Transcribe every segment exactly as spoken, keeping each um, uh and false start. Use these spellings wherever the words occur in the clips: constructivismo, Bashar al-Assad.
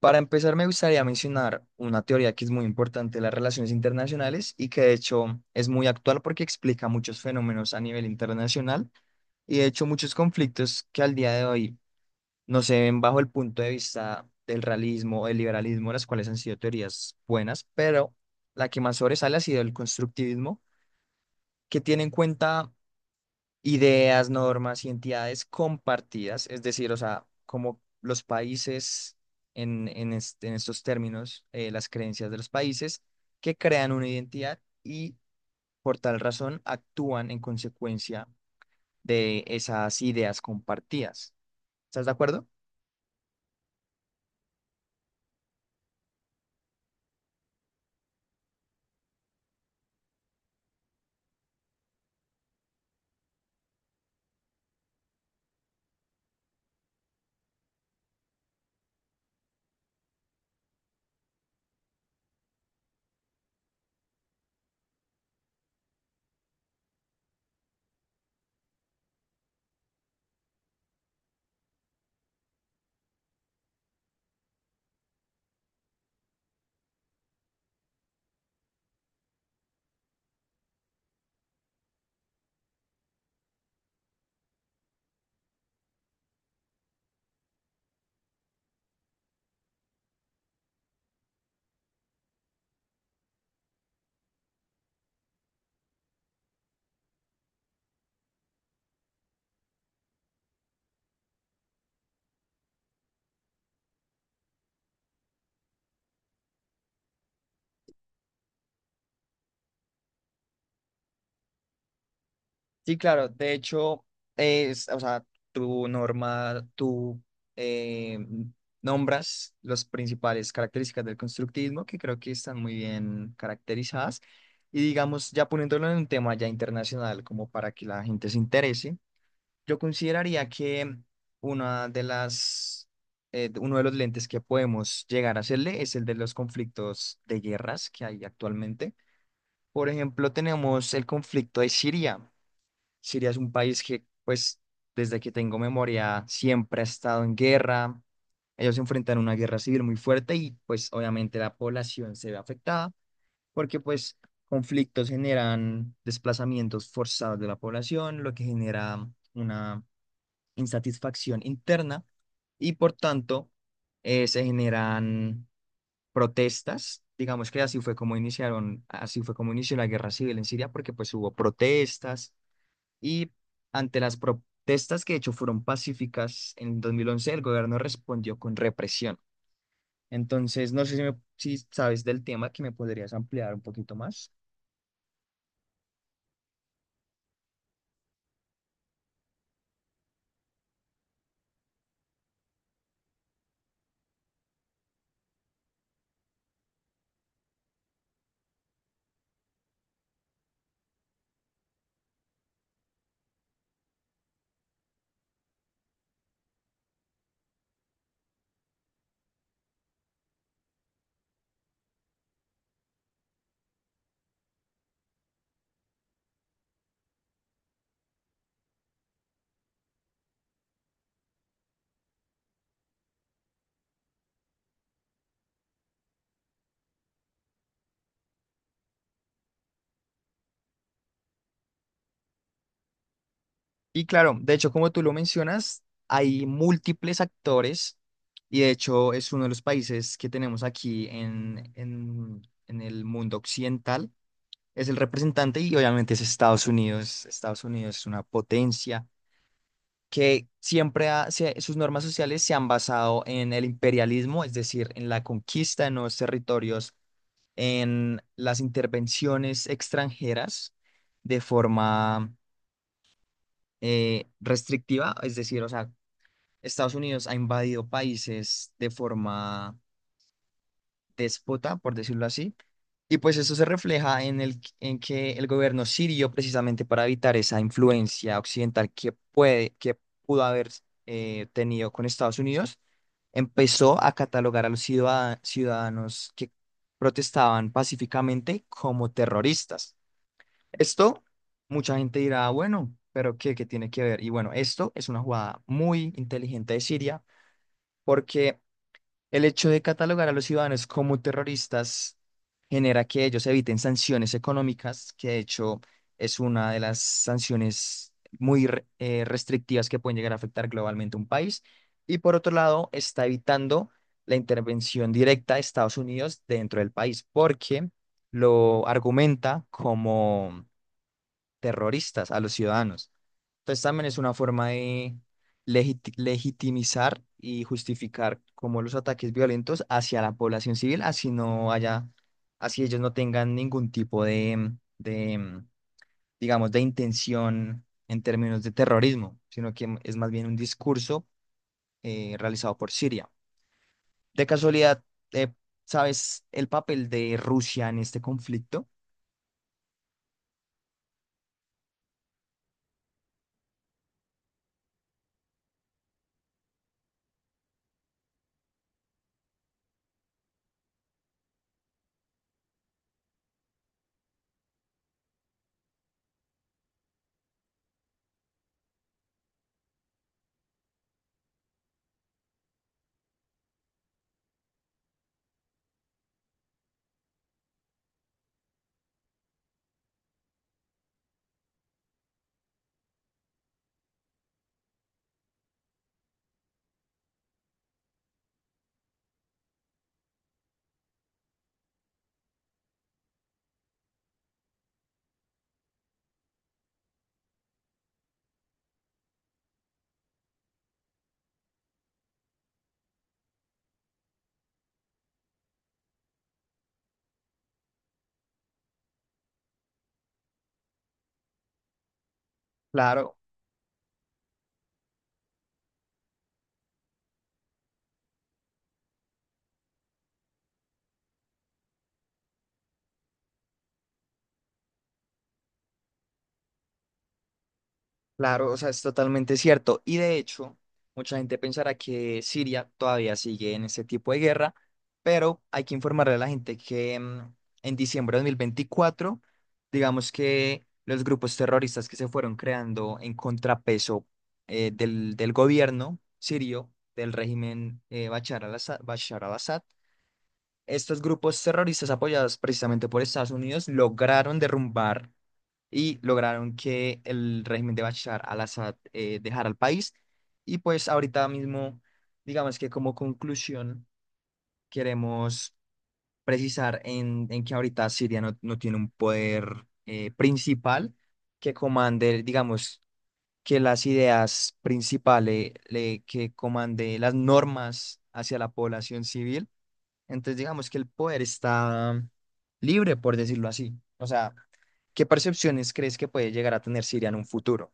Para empezar, me gustaría mencionar una teoría que es muy importante de las relaciones internacionales y que de hecho es muy actual porque explica muchos fenómenos a nivel internacional y de hecho muchos conflictos que al día de hoy no se ven bajo el punto de vista del realismo o del liberalismo, las cuales han sido teorías buenas, pero la que más sobresale ha sido el constructivismo, que tiene en cuenta ideas, normas y entidades compartidas, es decir, o sea, como los países en, en, est- en estos términos, eh, las creencias de los países que crean una identidad y por tal razón actúan en consecuencia de esas ideas compartidas. ¿Estás de acuerdo? Sí, claro. De hecho, es, o sea, tu norma, tú eh, nombras las principales características del constructivismo que creo que están muy bien caracterizadas. Y digamos, ya poniéndolo en un tema ya internacional, como para que la gente se interese, yo consideraría que una de las, eh, uno de los lentes que podemos llegar a hacerle es el de los conflictos de guerras que hay actualmente. Por ejemplo, tenemos el conflicto de Siria. Siria es un país que, pues, desde que tengo memoria, siempre ha estado en guerra. Ellos se enfrentan a una guerra civil muy fuerte y, pues, obviamente la población se ve afectada porque, pues, conflictos generan desplazamientos forzados de la población, lo que genera una insatisfacción interna y, por tanto, eh, se generan protestas. Digamos que así fue como iniciaron, así fue como inició la guerra civil en Siria porque, pues, hubo protestas y ante las protestas que de hecho fueron pacíficas en dos mil once el gobierno respondió con represión. Entonces, no sé si, me- si sabes del tema que me podrías ampliar un poquito más. Y claro, de hecho, como tú lo mencionas, hay múltiples actores y de hecho es uno de los países que tenemos aquí en, en, en el mundo occidental. Es el representante y obviamente es Estados Unidos. Estados Unidos es una potencia que siempre ha- se- sus normas sociales se han basado en el imperialismo, es decir, en la conquista de nuevos territorios, en las intervenciones extranjeras de forma eh, restrictiva, es decir, o sea, Estados Unidos ha invadido países de forma déspota, por decirlo así. Y pues eso se refleja en el, en que el gobierno sirio, precisamente para evitar esa influencia occidental que puede, que pudo haber eh, tenido con Estados Unidos, empezó a catalogar a los ciudad ciudadanos que protestaban pacíficamente como terroristas. Esto, mucha gente dirá, bueno, pero ¿qué, qué tiene que ver? Y bueno, esto es una jugada muy inteligente de Siria porque el hecho de catalogar a los ciudadanos como terroristas genera que ellos eviten sanciones económicas, que de hecho es una de las sanciones muy re- eh, restrictivas que pueden llegar a afectar globalmente a un país. Y por otro lado, está evitando la intervención directa de Estados Unidos dentro del país, porque lo argumenta como terroristas a los ciudadanos. Entonces también es una forma de legiti- legitimizar y justificar como los ataques violentos hacia la población civil, así no haya, así ellos no tengan ningún tipo de, de, digamos, de intención en términos de terrorismo, sino que es más bien un discurso eh, realizado por Siria. De casualidad, eh, ¿sabes el papel de Rusia en este conflicto? Claro. Claro, o sea, es totalmente cierto. Y de hecho, mucha gente pensará que Siria todavía sigue en ese tipo de guerra, pero hay que informarle a la gente que mm, en diciembre de dos mil veinticuatro, digamos que los grupos terroristas que se fueron creando en contrapeso eh, del, del gobierno sirio, del régimen eh, Bashar al-Assad, estos grupos terroristas apoyados precisamente por Estados Unidos lograron derrumbar y lograron que el régimen de Bashar al-Assad eh, dejara el país. Y pues ahorita mismo, digamos que como conclusión, queremos precisar en, en que ahorita Siria no, no tiene un poder eh, principal que comande, digamos, que las ideas principales, le- que comande las normas hacia la población civil. Entonces, digamos que el poder está libre, por decirlo así. O sea, ¿qué percepciones crees que puede llegar a tener Siria en un futuro?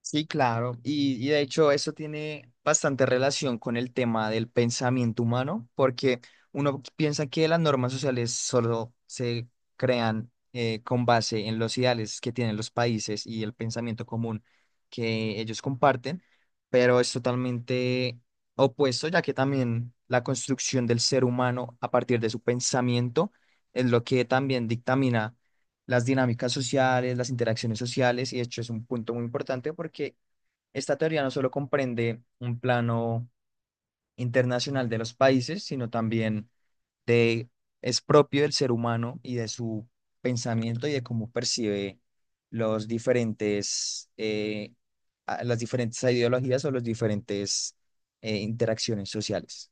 Sí, claro. Y, y de hecho eso tiene bastante relación con el tema del pensamiento humano, porque uno piensa que las normas sociales solo se crean eh, con base en los ideales que tienen los países y el pensamiento común que ellos comparten, pero es totalmente opuesto, ya que también la construcción del ser humano a partir de su pensamiento es lo que también dictamina las dinámicas sociales, las interacciones sociales, y de hecho es un punto muy importante porque esta teoría no solo comprende un plano internacional de los países, sino también de, es propio del ser humano y de su pensamiento y de cómo percibe los diferentes, eh, a- las diferentes ideologías o las diferentes eh, interacciones sociales.